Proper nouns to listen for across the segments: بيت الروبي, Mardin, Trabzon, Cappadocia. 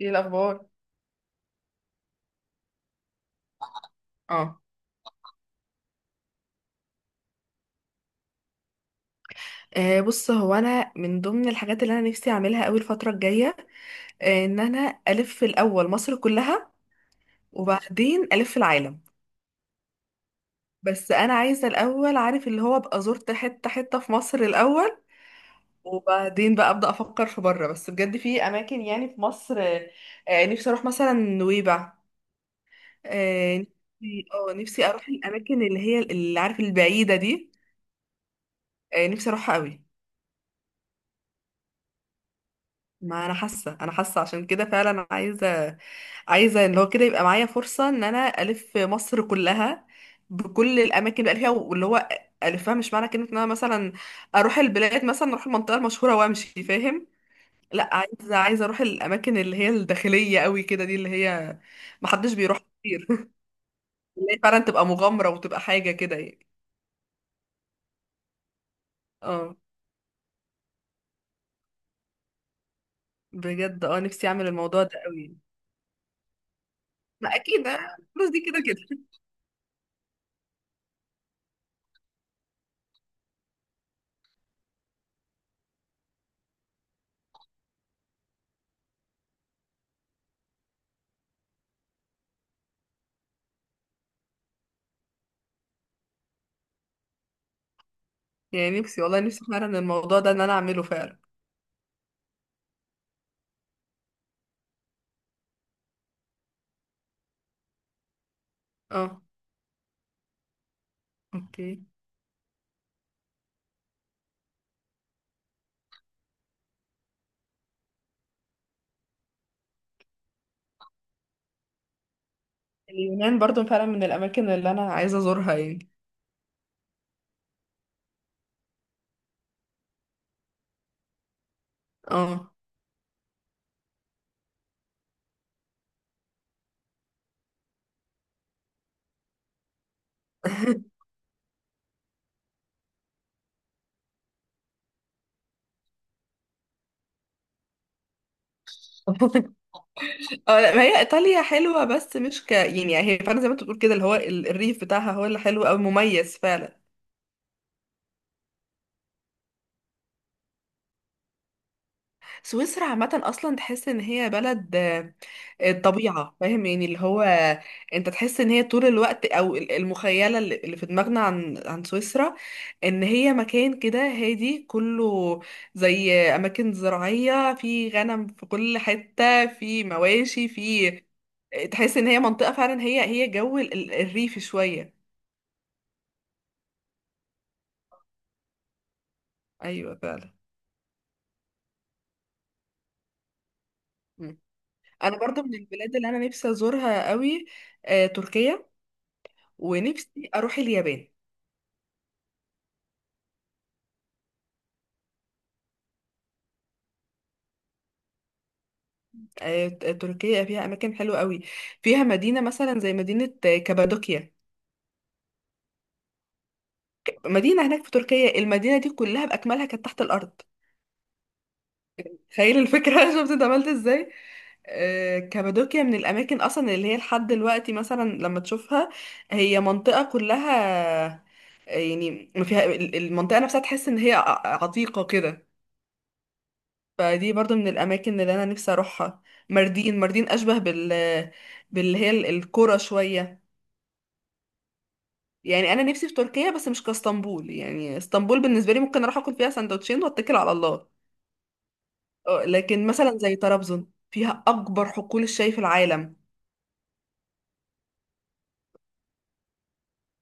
ايه الاخبار؟ اه، بص، هو انا من ضمن الحاجات اللي انا نفسي اعملها قوي الفتره الجايه، ان انا الف الاول مصر كلها، وبعدين الف العالم. بس انا عايزه الاول، عارف، اللي هو ابقى زرت حته حته في مصر الاول، وبعدين بقى ابدا افكر في بره. بس بجد في اماكن يعني في مصر، نفسي اروح مثلا نويبع. آه، نفسي اه نفسي اروح الاماكن اللي هي، اللي عارف، البعيده دي. نفسي اروحها قوي. ما انا حاسه عشان كده فعلا عايزه ان هو كده يبقى معايا فرصه ان انا الف مصر كلها، بكل الاماكن اللي بقى فيها واللي هو الفها. مش معنى كلمه ان انا مثلا اروح البلاد، مثلا اروح المنطقه المشهوره وامشي، فاهم؟ لا، عايزه، اروح الاماكن اللي هي الداخليه قوي كده، دي اللي هي محدش بيروح كتير اللي هي فعلا تبقى مغامره وتبقى حاجه كده يعني. اه، بجد اه نفسي اعمل الموضوع ده قوي. ما اكيد، الفلوس دي كده كده. يعني نفسي والله، نفسي فعلا الموضوع ده ان انا اعمله فعلا. اه، اوكي. اليونان برضو فعلا من الاماكن اللي انا عايزه ازورها يعني. اه اه لا، ما هي ايطاليا حلوه، بس مش يعني، هي فعلا زي ما انت بتقول كده، اللي هو الريف بتاعها هو اللي حلو قوي، مميز فعلا. سويسرا عامة أصلا تحس إن هي بلد، الطبيعة، فاهم يعني، اللي هو أنت تحس إن هي طول الوقت، أو المخيلة اللي في دماغنا عن سويسرا، إن هي مكان كده هادي كله، زي أماكن زراعية، في غنم في كل حتة، في مواشي، في، تحس إن هي منطقة فعلا، هي جو الريف شوية. أيوة فعلا. مم. أنا برضو من البلاد اللي أنا نفسي أزورها قوي، تركيا، ونفسي أروح اليابان. تركيا فيها اماكن حلوه قوي، فيها مدينه مثلا زي مدينه كابادوكيا. مدينه هناك في تركيا، المدينه دي كلها باكملها كانت تحت الارض. تخيل الفكره، شفت انت عملت ازاي. كابادوكيا من الاماكن اصلا اللي هي لحد دلوقتي مثلا لما تشوفها، هي منطقه كلها، يعني ما فيها المنطقه نفسها تحس ان هي عتيقه كده. فدي برضو من الاماكن اللي انا نفسي اروحها. ماردين، ماردين اشبه بال، باللي هي القرى شويه. يعني انا نفسي في تركيا، بس مش كاسطنبول، يعني اسطنبول بالنسبه لي ممكن اروح اكل فيها سندوتشين واتكل على الله. اه، لكن مثلا زي طرابزون فيها اكبر حقول الشاي في العالم.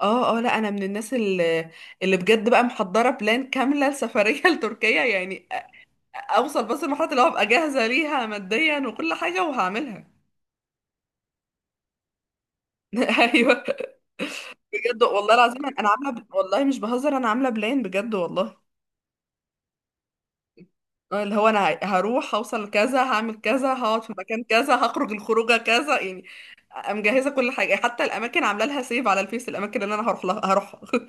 اه اه لا، انا من الناس اللي، اللي بجد بقى محضره بلان كامله لسفريه لتركيا يعني. اوصل بس لمرحله اللي هو ابقى جاهزه ليها ماديا وكل حاجه، وهعملها. ايوه. بجد والله العظيم انا عامله، والله مش بهزر، انا عامله بلان بجد والله. اللي هو انا هروح، هوصل كذا، هعمل كذا، هقعد في مكان كذا، هخرج الخروجه كذا يعني. مجهزه كل حاجه، حتى الاماكن عامله لها سيف على الفيس، الاماكن اللي انا هروح لها هروح.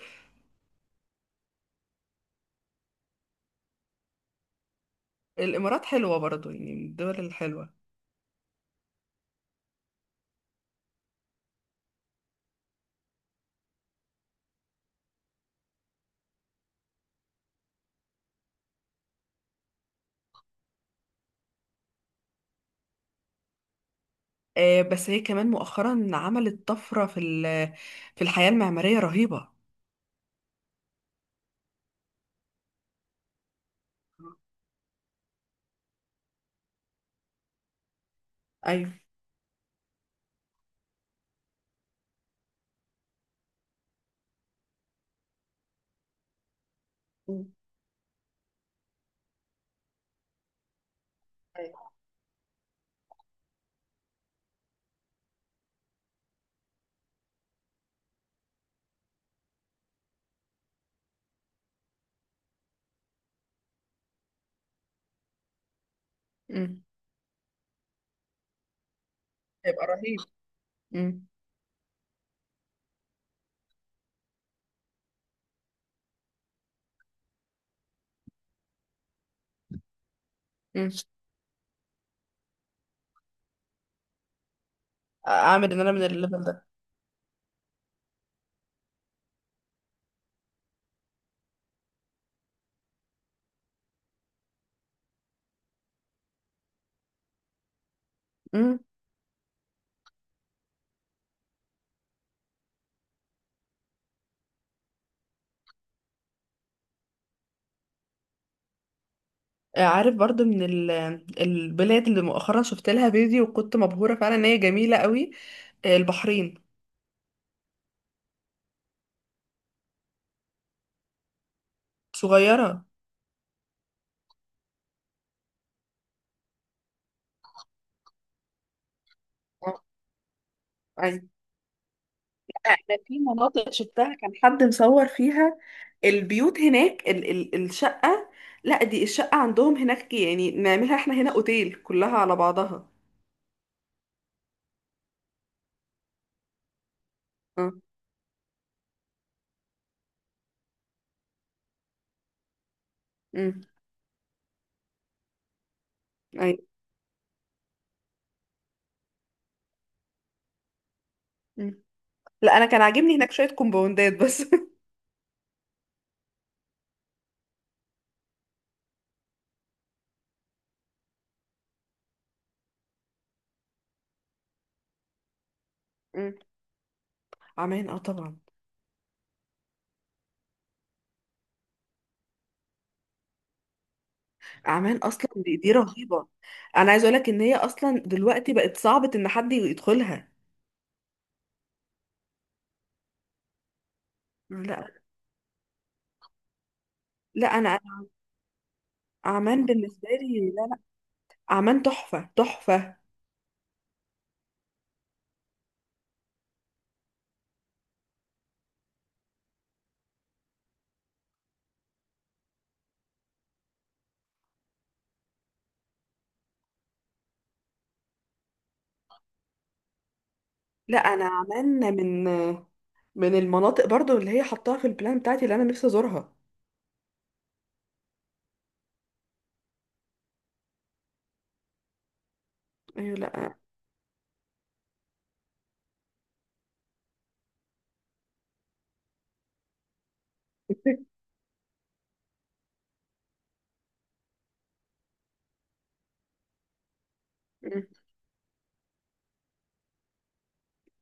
الامارات حلوه برضو، يعني من الدول الحلوه. بس هي كمان مؤخرا عملت طفره في في الحياه المعماريه رهيبه. ايوه. مم. أيوة. امم. هيبقى رهيب. امم. امم، اعمل ان انا من الليفل ده. عارف برضو من البلاد اللي مؤخرا شفت لها فيديو وكنت مبهورة فعلا ان هي جميلة قوي. البحرين. صغيرة. آه، أيوة. انا في مناطق شفتها كان حد مصور فيها، البيوت هناك، ال ال الشقة، لا دي الشقة عندهم هناك يعني نعملها احنا هنا اوتيل، كلها على بعضها. اه. امم. ايوه. مم. لا، انا كان عاجبني هناك شوية كومباوندات بس. مم. عمان، اه طبعا. اعمال اصلا دي رهيبه. انا عايز اقولك ان هي اصلا دلوقتي بقت صعبه ان حد يدخلها. لا. لا انا اعمال بالنسبه لي، لا لا، اعمال تحفه تحفه. لا انا اعمال من، المناطق برضو اللي هي حطاها في البلان بتاعتي اللي انا نفسي ازورها. ايوه لا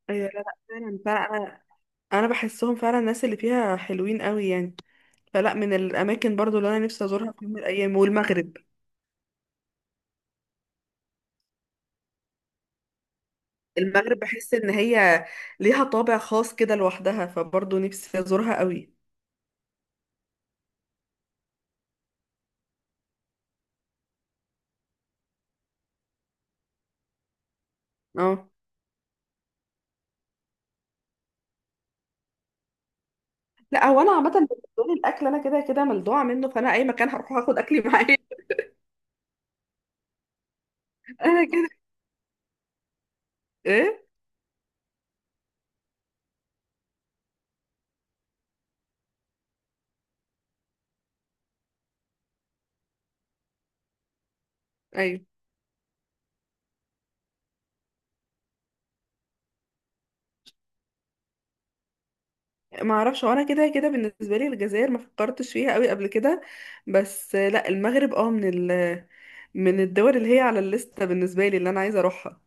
ايوه لا لا فعلا فعلا، انا، انا بحسهم فعلا الناس اللي فيها حلوين قوي يعني. فلا من الاماكن برضو اللي انا نفسي ازورها في يوم من الايام، والمغرب. المغرب بحس ان هي ليها طابع خاص كده لوحدها، فبرضه نفسي ازورها قوي. اه، لا هو انا عامه بالنسبه لي الاكل انا كده كده ملدوعه منه، فانا اي مكان هروح اخد اكلي معايا. انا كده، ايه، ايوه. ما اعرفش، وانا كده كده بالنسبه لي الجزائر ما فكرتش فيها قوي قبل كده. بس لا المغرب اه من ال، من الدول اللي هي على الليسته بالنسبه لي اللي انا عايزه اروحها.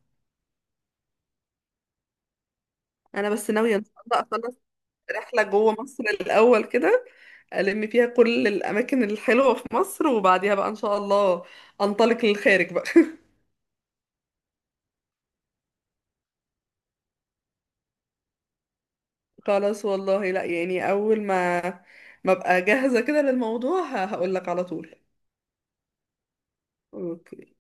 انا بس ناويه ان شاء الله اخلص رحلة جوه مصر الأول كده، ألم فيها كل الأماكن الحلوة في مصر، وبعديها بقى إن شاء الله أنطلق للخارج بقى. خلاص، والله لا يعني، أول ما أبقى جاهزة كده للموضوع هقول لك على طول. أوكي.